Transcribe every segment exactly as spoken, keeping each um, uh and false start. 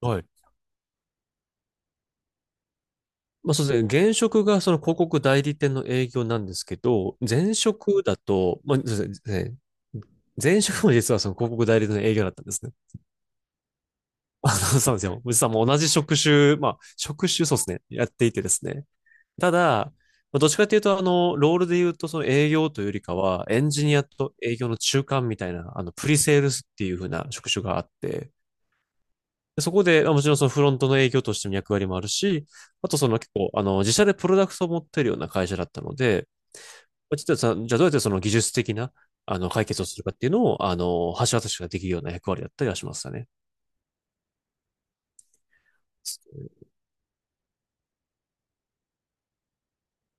はい。まあそうですね。現職がその広告代理店の営業なんですけど、前職だと、まあ、そうですね。前職も実はその広告代理店の営業だったんですね。あの、そうなんですよ。実はもう同じ職種、まあ、職種そうですね。やっていてですね。ただ、まあ、どっちかというと、あの、ロールで言うと、その営業というよりかは、エンジニアと営業の中間みたいな、あの、プリセールスっていう風な職種があって、でそこで、まあもちろんそのフロントの営業としての役割もあるし、あとその結構、あの、自社でプロダクトを持ってるような会社だったので、まあちょっとさ、じゃあどうやってその技術的な、あの、解決をするかっていうのを、あの、橋渡しができるような役割だったりはしましたね。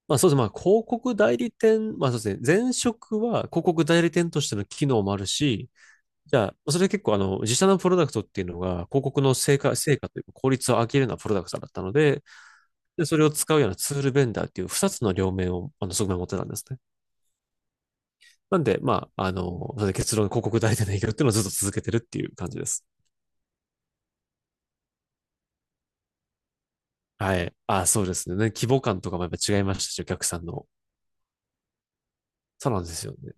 まあそうですね。まあ広告代理店、まあそうですね。前職は広告代理店としての機能もあるし、じゃあ、それ結構あの、自社のプロダクトっていうのが広告の成果、成果というか効率を上げるようなプロダクトだったので、で、それを使うようなツールベンダーっていう二つの両面を、あの、側面を持ってたんですね。なんで、まあ、あの、それで結論広告代理店の営業っていうのをずっと続けてるっていう感じです。はい。あ、そうですね。規模感とかもやっぱ違いましたし、お客さんの。そうなんですよね。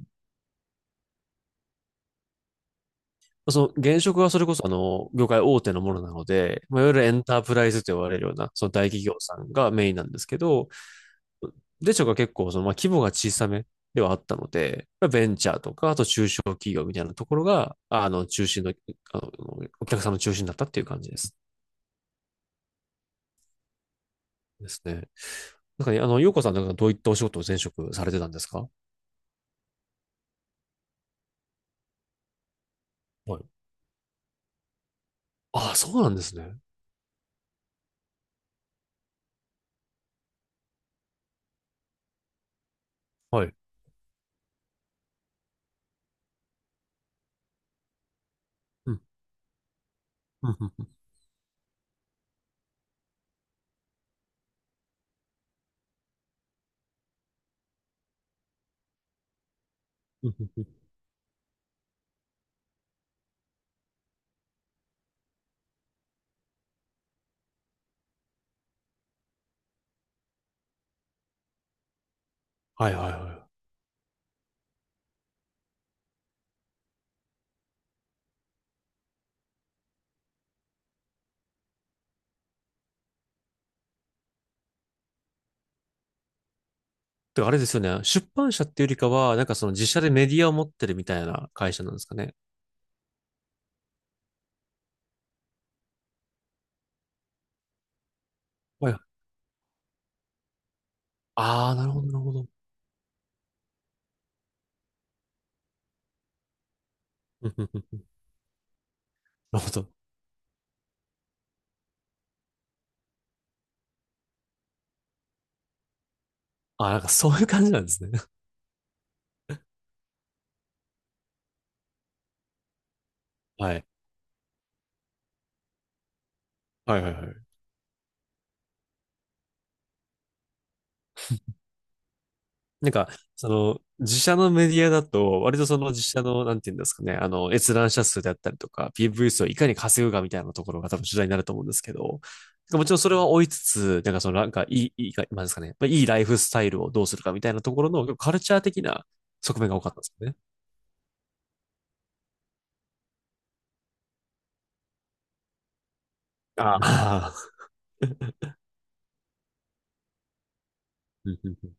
その現職はそれこそあの、業界大手のものなので、まあ、いわゆるエンタープライズと呼ばれるような、その大企業さんがメインなんですけど、で、しょが結構、その、まあ、規模が小さめではあったので、ベンチャーとか、あと中小企業みたいなところが、あの、中心の、あの、お客さんの中心だったっていう感じです。ですね。なんかね、あの、ようこさんなんかどういったお仕事を前職されてたんですか？はい。ああ、そうなんですね。はい。うん。うんうんうんうんうん。はいはいはい。てかあれですよね。出版社っていうよりかは、なんかその自社でメディアを持ってるみたいな会社なんですかね。はい。ああ、なるほど、なるほど。うんうんうん。なるほど。ああ、なんかそういう感じなんですね。はい。はいはいはい。なんか、その、自社のメディアだと、割とその自社の、なんていうんですかね、あの、閲覧者数であったりとか、ピーブイ 数をいかに稼ぐかみたいなところが多分主題になると思うんですけど、もちろんそれは追いつつ、なんかその、なんか、いい、いいか、なんですかね、まあいいライフスタイルをどうするかみたいなところの、結構カルチャー的な側面が多かったんですよね。ああ。うんう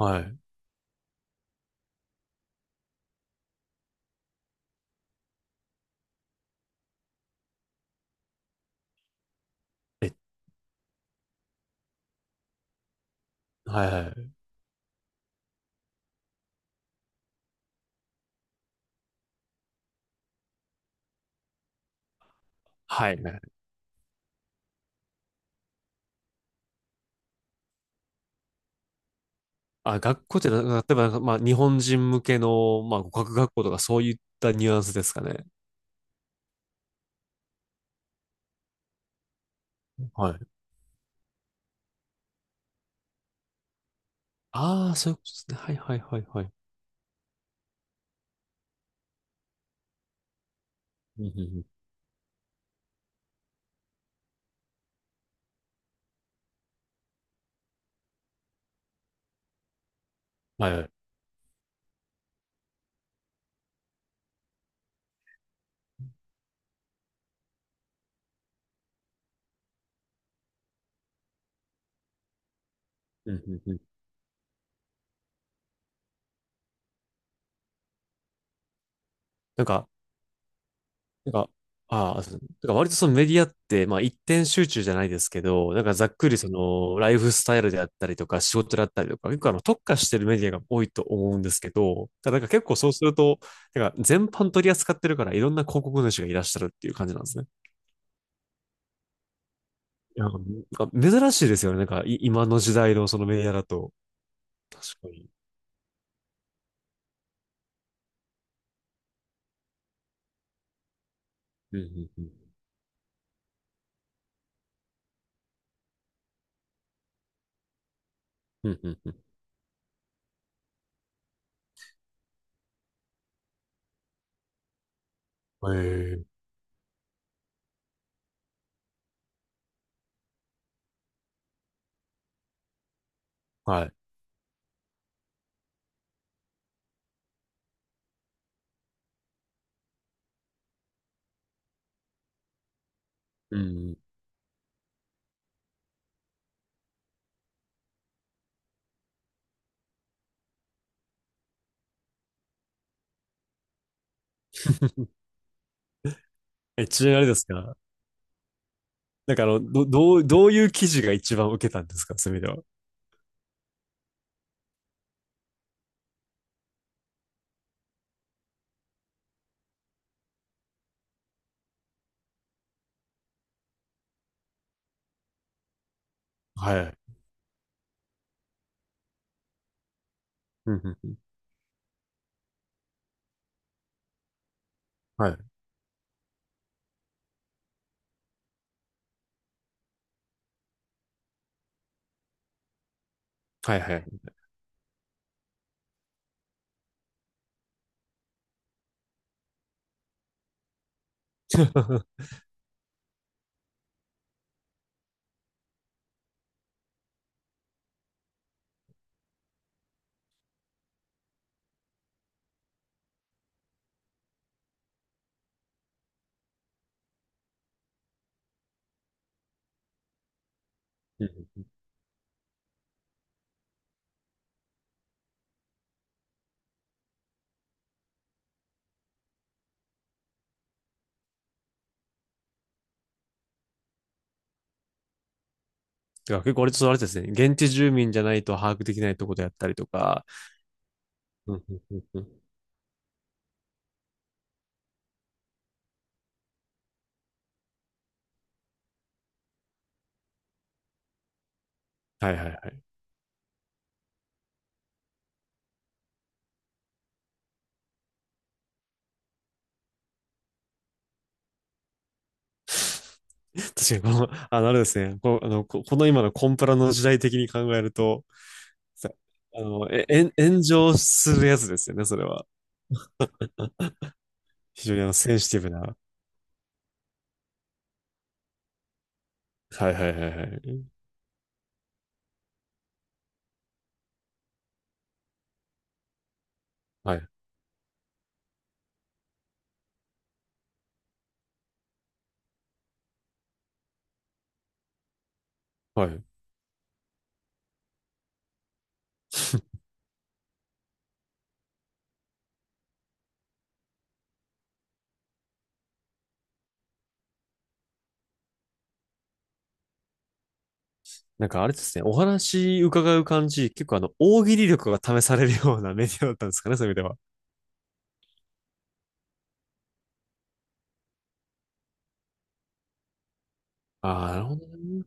んうん。はい。え、はいはい。はいはい。あ、学校ってな、例えばなんか、まあ、日本人向けの、まあ、語学学校とかそういったニュアンスですかね。はい。ああ、そういうことですね。はいはいはいはい。うんうんうん。はいはい。うんうんうん。なんか、なんか、ああ、そう。なんか割とそのメディアって、まあ一点集中じゃないですけど、なんかざっくりそのライフスタイルであったりとか仕事であったりとか、結構あの特化してるメディアが多いと思うんですけど、ただなんか結構そうすると、なんか全般取り扱ってるからいろんな広告主がいらっしゃるっていう感じなんですね。いや、なんか珍しいですよね。なんかい今の時代のそのメディアだと。確かに。うんうんうん。うんうんうん。ええ、はい。うんうん。 え、ちなみにあれですか？なんかあの、ど、どう、どういう記事が一番受けたんですかそういう意味では。はい。うんうんうん。はい。はいはい。うん。だから結構あれちょっとあれですね。現地住民じゃないと把握できないところであったりとか。うんうんうんうん。はいはいはい。確かにこの、あの、あれですね。この、あの、ここの今のコンプラの時代的に考えると、さあの、え、えん炎上するやつですよね、それは。非常にあの、センシティブな。はいはいはいはい。はい。はい。なんかあれですね、お話伺う感じ、結構あの、大喜利力が試されるようなメディアだったんですかね、そういう意味では。ああ、なるほどね。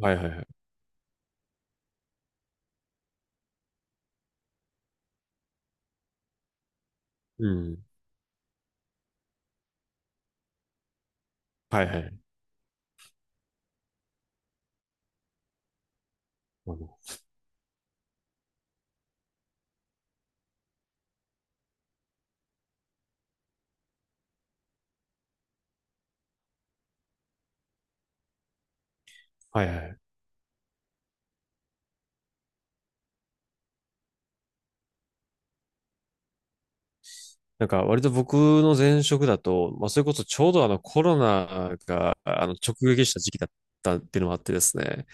はいはいはい。うん。はいはい。あの、はいはい。なんか割と僕の前職だと、まあそれこそちょうどあのコロナがあの直撃した時期だったっていうのもあってですね。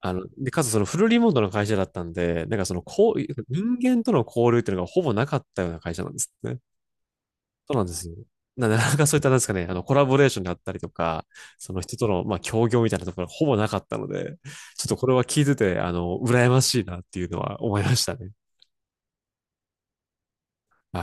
あの、で、かつそのフルリモートの会社だったんで、なんかそのこう、人間との交流っていうのがほぼなかったような会社なんですね。そうなんですよ。な、なかなかそういった、なんですかね、あの、コラボレーションであったりとか、その人との、まあ、協業みたいなところはほぼなかったので、ちょっとこれは聞いてて、あの、羨ましいなっていうのは思いましたね。はい